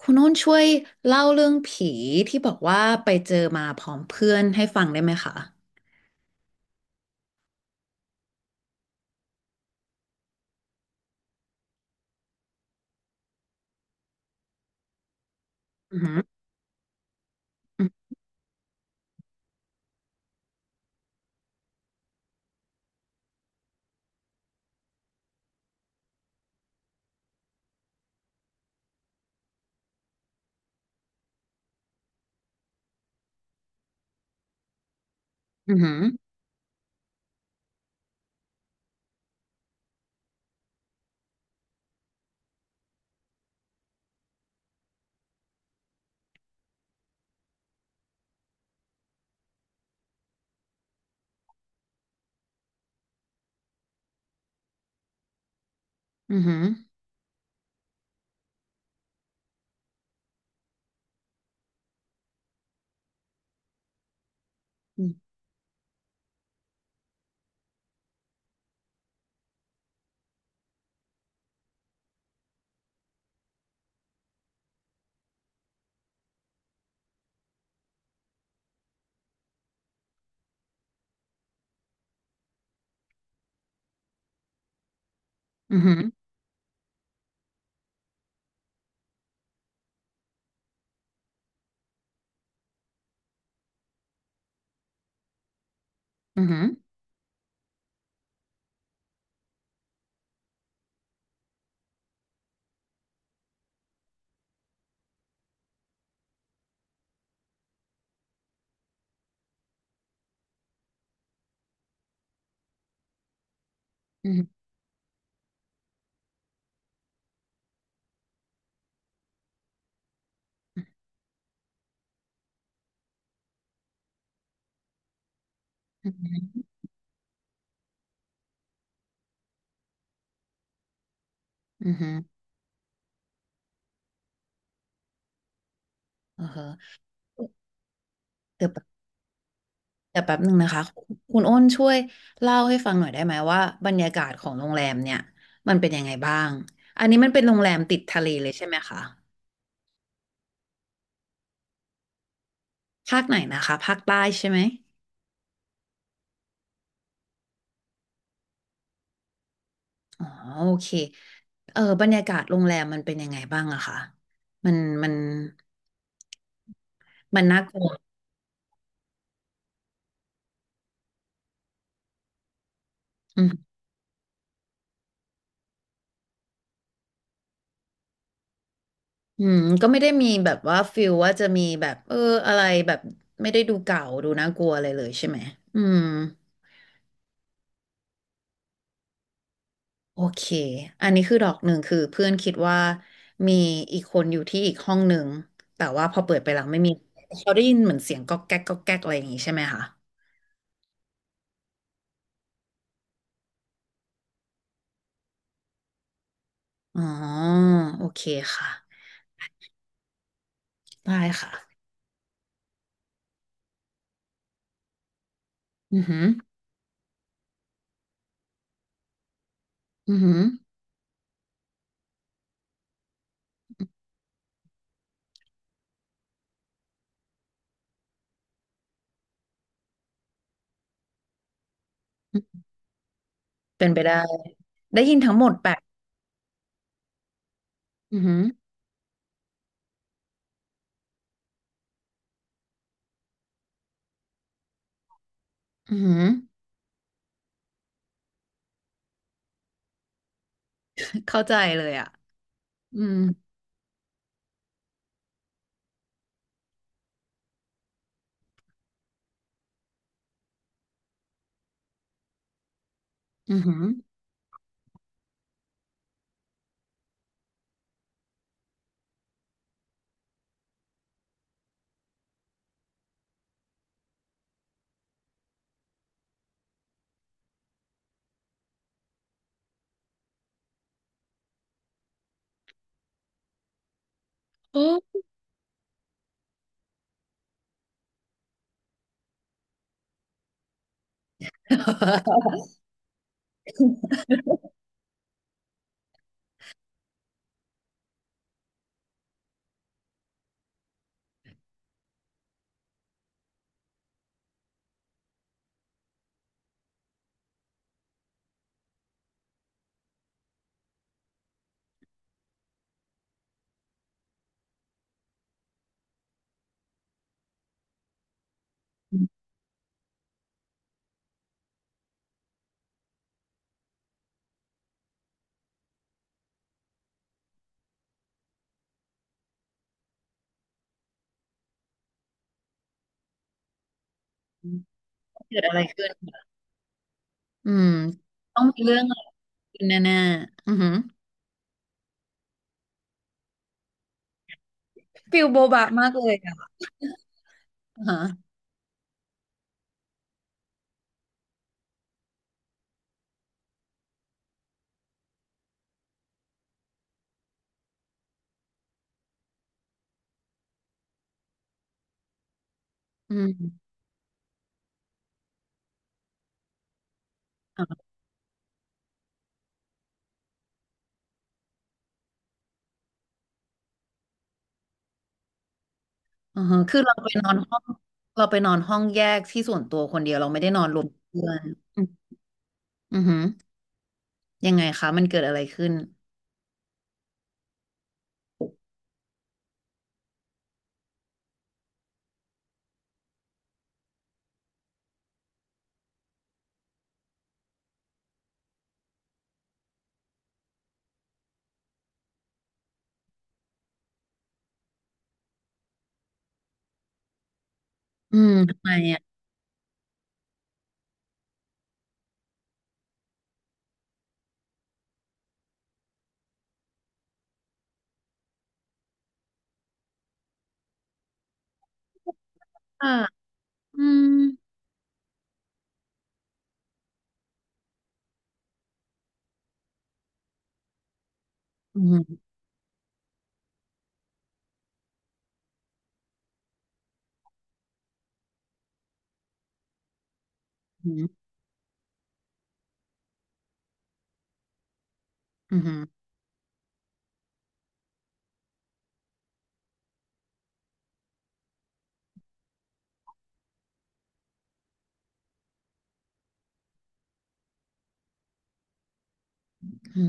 คุณโน้นช่วยเล่าเรื่องผีที่บอกว่าไปเจอมาพร้อมเพื่อนให้ฟังได้ไหมคะอือหืออือหืออือหืออือหืออือหืออือหืออือหืออือหือเออเดี๋ยวแป๊บเดี๋ยวแป๊บหนึ่งนะคะคุณอ้นช่วยเล่าให้ฟังหน่อยได้ไหมว่าบรรยากาศของโรงแรมเนี่ยมันเป็นยังไงบ้างอันนี้มันเป็นโรงแรมติดทะเลเลยใช่ไหมคะภาคไหนนะคะภาคใต้ใช่ไหม อ๋อโอเคเออบรรยากาศโรงแรมมันเป็นยังไงบ้างอะคะมันมันมันน่ากลัวอืมอืมก็ไม่ได้มีแบบว่าฟิลว่าจะมีแบบเอออะไรแบบไม่ได้ดูเก่าดูน่ากลัวอะไรเลยใช่ไหมอืมโอเคอันนี้คือดอกหนึ่งคือเพื่อนคิดว่ามีอีกคนอยู่ที่อีกห้องหนึ่งแต่ว่าพอเปิดไปหลังไม่มีเขาได้ยินเหมือนเสียงก๊อกแก๊กก๊อกแก๊กอะไรอย่างงี้ใช่ไหมคะอ๋อโอเคค่ะได้ค่ะอือหืออือหือ เป็นไปได้ได้ยินทั้งหมดแปดอือหืออือหือเข้าใจเลยอ่ะอืมอือหือโอ้ เกิดอะไรขึ้นอืมต้องมีเรื่องอะไรขึ้นแน่ๆอือหือๆฟิลโบบะมากเลยอ่ะอ่าฮะอืมอ่าอ่าฮะคือเราไปนอนห้องแยกที่ส่วนตัวคนเดียวเราไม่ได้นอนรวมเพื่อนอืมอือหือยังไงคะมันเกิดอะไรขึ้นอืมทำไมอ่ะอ่ะอืมอืมอืมอื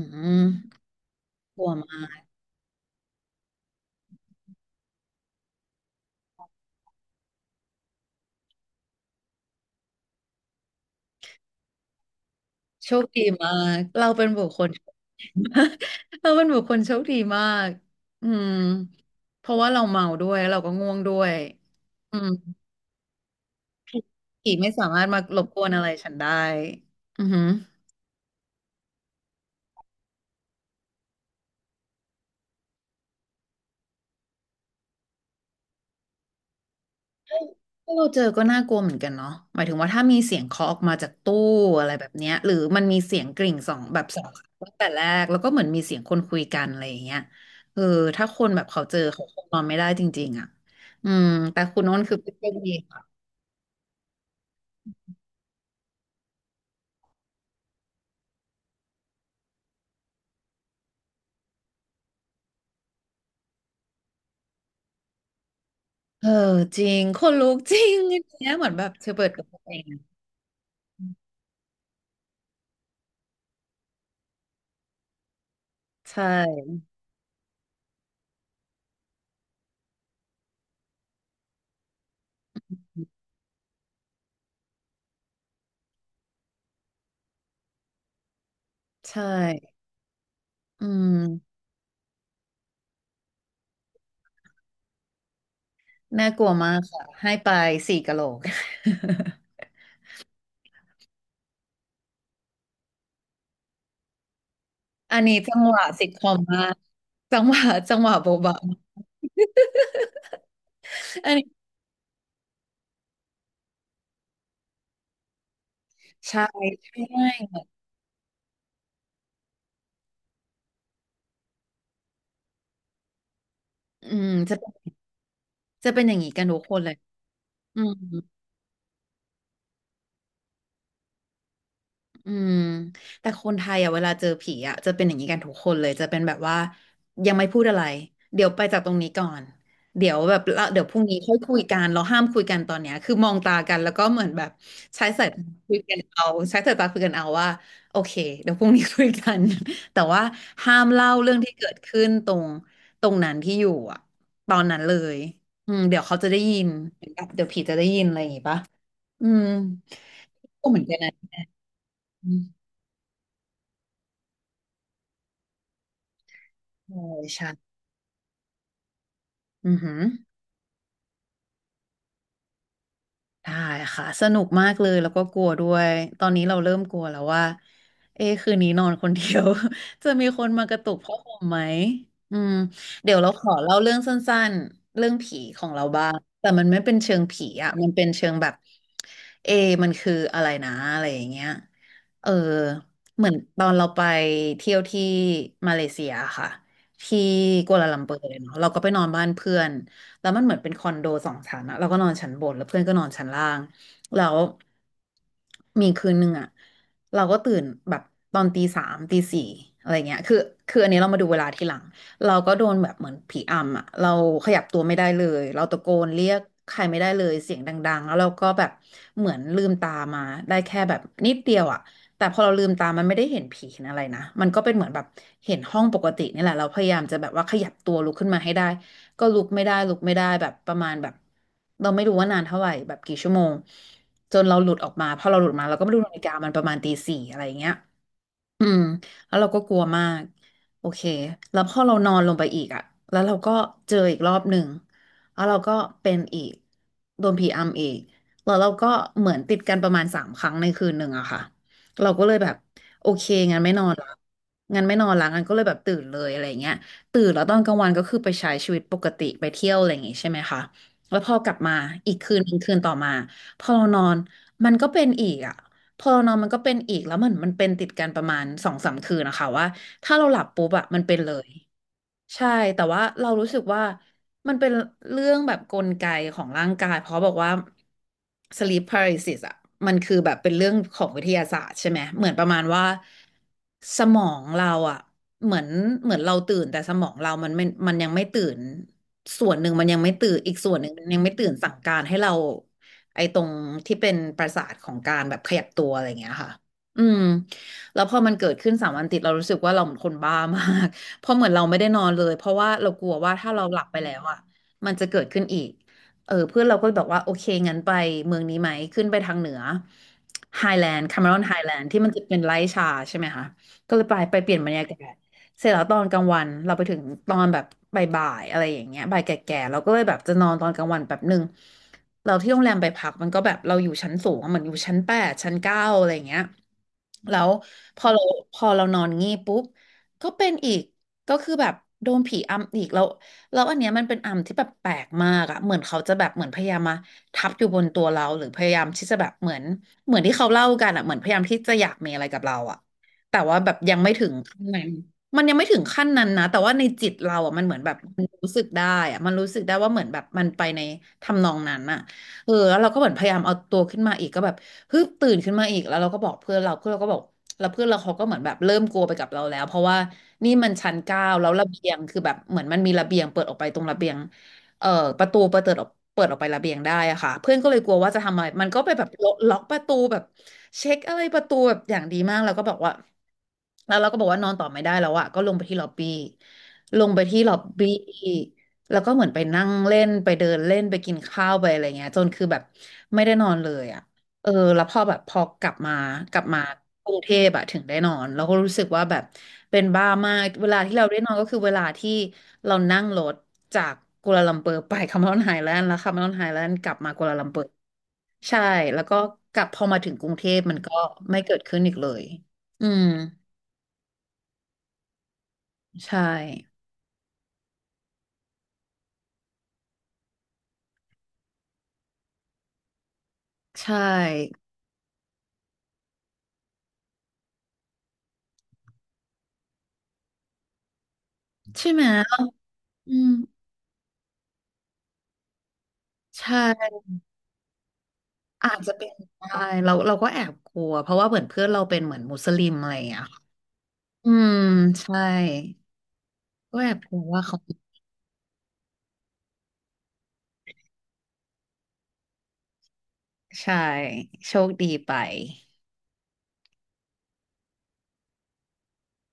มอืมกลัวมาก โชคดีมาก เราเป็นบุคคล เราเป็นบุคคลโชคดีมากอืมเพราะว่าเราเมาด้วยเราก็ง่วงด้วยอืมผีไม่สามารถมารบกวนอะไรฉันได้อือหือถ้าเราเจอก็น่ากลัวเหมือนกันเนาะหมายถึงว่าถ้ามีเสียงเคาะออกมาจากตู้อะไรแบบเนี้ยหรือมันมีเสียงกริ่งสองแบบสองครั้งตั้งแต่แรกแล้วก็เหมือนมีเสียงคนคุยกันอะไรอย่างเงี้ยเออถ้าคนแบบเขาเจอเขาคงนอนไม่ได้จริงๆอ่ะอืมแต่คุณโน้นคือเป็นเพื่อนดี เออจริงคนลุกจริงอย่างเงี้ยเหมือนแบบเธอเปิดกับตัวเองใช่ใช่อืมน่ากลัวมากค่ะให้ไปสี่กะโหลก อันนี้จังหวะซิทคอมมากจังหวะจังหวะโบบะอันนี้ใช่ใช่อืมจะเป็นอย่างนี้กันทุกคนเลยอืม อืมแต่คนไทยอ่ะเวลาเจอผีอ่ะจะเป็นอย่างนี้กันทุกคนเลยจะเป็นแบบว่ายังไม่พูดอะไรเดี๋ยวไปจากตรงนี้ก่อนเดี๋ยวแบบละเดี๋ยวพรุ่งนี้ค่อยคุยกันเราห้ามคุยกันตอนเนี้ยคือมองตากันแล้วก็เหมือนแบบใช้สายตาคุยกันเอาใช้สายตาคุยกันเอาว่าโอเคเดี๋ยวพรุ่งนี้คุยกัน แต่ว่าห้ามเล่าเรื่องที่เกิดขึ้นตรงนั้นที่อยู่อ่ะตอนนั้นเลยอืมเดี๋ยวเขาจะได้ยินเดี๋ยวผีจะได้ยินอะไรอย่างงี้ปะอืมก็เหมือนกันนะ ใช่ใช่อือหือได้ค่ะสนุกมากเลยแล้วก็กลัวด้วยตอนนี้เราเริ่มกลัวแล้วว่าเอ๊ะคืนนี้นอนคนเดียว จะมีคนมากระตุกผ้าห่มไหมอืมเดี๋ยวเราขอเล่าเรื่องสั้นๆเรื่องผีของเราบ้างแต่มันไม่เป็นเชิงผีอ่ะมันเป็นเชิงแบบเอะมันคืออะไรนะอะไรอย่างเงี้ยเออเหมือนตอนเราไปเที่ยวที่มาเลเซียค่ะที่กัวลาลัมเปอร์เเนาะเราก็ไปนอนบ้านเพื่อน แล้วมันเหมือนเป็นคอนโดสองชั้นอะเราก็นอนชั้นบนแล้วเพื่อนก็นอนชั้นล่างแล้วมีคืนหนึ่งอะเราก็ตื่นแบบตอนตีสามตีสี่อะไรเงี้ยคืออันนี้เรามาดูเวลาทีหลังเราก็โดนแบบเหมือนผีอำอะเราขยับตัวไม่ได้เลยเราตะโกนเรียกใครไม่ได้เลยเสียงดังๆแล้วเราก็แบบเหมือนลืมตามาได้แค่แบบนิดเดียวอะแต่พอเราลืมตามันไม่ได้เห็นผีเห็นอะไรนะมันก็เป็นเหมือนแบบเห็นห้องปกตินี่แหละเราพยายามจะแบบว่าขยับตัวลุกขึ้นมาให้ได้ ก็ลุกไม่ได้แบบประมาณแบบเราไม่รู้ว่านานเท่าไหร่แบบกี่ชั่วโมงจนเราหลุดออกมาพอเราหลุดมาเราก็ไม่รู้นาฬิกามันประมาณตีสี่อะไรอย่างเงี้ย อืมแล้วเราก็กลัวมากโอเคแล้วพอเรานอนลงไปอีกอะแล้วเราก็เจออีกรอบหนึ่งแล้วเราก็เป็นอีกโดนผีอำอีกแล้วเราก็เหมือนติดกันประมาณสามครั้งในคืนหนึ่งอะค่ะเราก็เลยแบบโอเคงั้นไม่นอนละงั้นไม่นอนละงั้นก็เลยแบบตื่นเลยอะไรเงี้ยตื่นแล้วตอนกลางวันก็คือไปใช้ชีวิตปกติไปเที่ยวอะไรอย่างงี้ใช่ไหมคะแล้วพอกลับมาอีกคืนหนึ่งคืนต่อมาพอเรานอนมันก็เป็นอีกอะ พอเรานอนมันก็เป็นอีกแล้วเหมือนมันเป็นติดกันประมาณสองสามคืนนะคะว่าถ้าเราหลับปุ๊บอะมันเป็นเลย ใช่แต่ว่าเรารู้สึกว่ามันเป็นเรื่องแบบกลไกของร่างกายเพราะบอกว่า sleep paralysis อ่ะมันคือแบบเป็นเรื่องของวิทยาศาสตร์ใช่ไหมเหมือนประมาณว่าสมองเราอ่ะเหมือนเหมือนเราตื่นแต่สมองเรามันไม่มันยังไม่ตื่นส่วนหนึ่งมันยังไม่ตื่นอีกส่วนหนึ่งมันยังไม่ตื่นสั่งการให้เราไอ้ตรงที่เป็นประสาทของการแบบขยับตัวอะไรอย่างเงี้ยค่ะอืมแล้วพอมันเกิดขึ้นสามวันติดเรารู้สึกว่าเราเหมือนคนบ้ามาก เพราะเหมือนเราไม่ได้นอนเลยเพราะว่าเรากลัวว่าถ้าเราหลับไปแล้วอ่ะมันจะเกิดขึ้นอีกเออเพื่อนเราก็บอกว่าโอเคงั้นไปเมืองนี้ไหมขึ้นไปทางเหนือไฮแลนด์คาเมรอนไฮแลนด์ที่มันจะเป็นไร่ชาใช่ไหมคะก็เลยไปเปลี่ยนบรรยากาศเสร็จแล้วตอนกลางวันเราไปถึงตอนแบบบ่ายๆอะไรอย่างเงี้ยบ่ายแก่ๆเราก็เลยแบบจะนอนตอนกลางวันแบบหนึ่งเราที่โรงแรมไปพักมันก็แบบเราอยู่ชั้นสูงอะเหมือนอยู่ชั้นแปดชั้นเก้าอะไรอย่างเงี้ยแล้วพอเราพอเรานอนงี้ปุ๊บก็เป็นอีก ก็คือแบบโดนผีอำอีกแล้วแล้วอันเนี้ยมันเป็นอำที่แบบแปลกมากอะเหมือนเขาจะแบบเหมือนพยายามมาทับอยู่บนตัวเราหรือพยายามที่จะแบบเหมือนที่เขาเล่ากันอะเหมือนพยายามที่จะอยากมีอะไรกับเราอะ ขั้นนั้นมันยังไม่ถึงขั้นนั้นนะแต่ว่าในจิตเราอ่ะมันเหมือนแบบมันรู้สึกได้อ่ะมันรู้สึกได้ว่าเหมือนแบบมันไปในทำนองนั้นอ่ะเออแล้วเราก็เหมือนพยายามเอาตัวขึ้นมาอีกก็แบบฮึบตื่นขึ้นมาอีกแล้วเราก็บอกเพื่อนเราเพื่อนเราก็บอกแล้วเพื่อนเราเขาก็เหมือนแบบเริ่มกลัวไปกับเราแล้วเพราะว่านี่มันชั้นเก้าแล้วระเบียงคือแบบเหมือนมันมีระเบียงเปิดออกไปตรงระเบียง เอ่อประตูเปิดเปิดออกไประเบียงได้อะค่ะเพื่อนก็เลยกลัวว่าจะทำอะไรมันก็ไปแบบล็อกประตูแบบเช็คอะไรประตูแบบอย่างดีมากแล้วก็บอกว่าแล้วเราก็บอกว่านอนต่อไม่ได้แล้วอะก็ลงไปที่ล็อบบี้ลงไปที่ล็อบบี้แล้วก็เหมือนไปนั่งเล่นไปเดินเล่นไปกินข้าวไปอะไรเงี้ยจนคือแบบไม่ได้นอนเลยอะ เออแล้วพอแบบพอกลับมากรุงเทพอะถึงได้นอนแล้วก็รู้สึกว่าแบบเป็นบ้ามากเวลาที่เราได้นอนก็คือเวลาที่เรานั่งรถจากกัวลาลัมเปอร์ไปคาเมรอนไฮแลนด์แล้วคาเมรอนไฮแลนด์กลับมากัวลาลัมเปอร์ใช่แล้วก็กลับพอมาถึงกรุงเทพมันก็ไม่เกิดขึ้นอีกเลยอืมใช่ใช่ใช่ไหมอืมใช่อาจจะเป็นได้เราก็แอบกลัวเพราะว่าเหมือนเพื่อนเราเป็นเหมือนมุสลิมอะไรอย่างเงี้ยอืมใช่ ก็แบบกือว่าเขาใช่โชคดีไป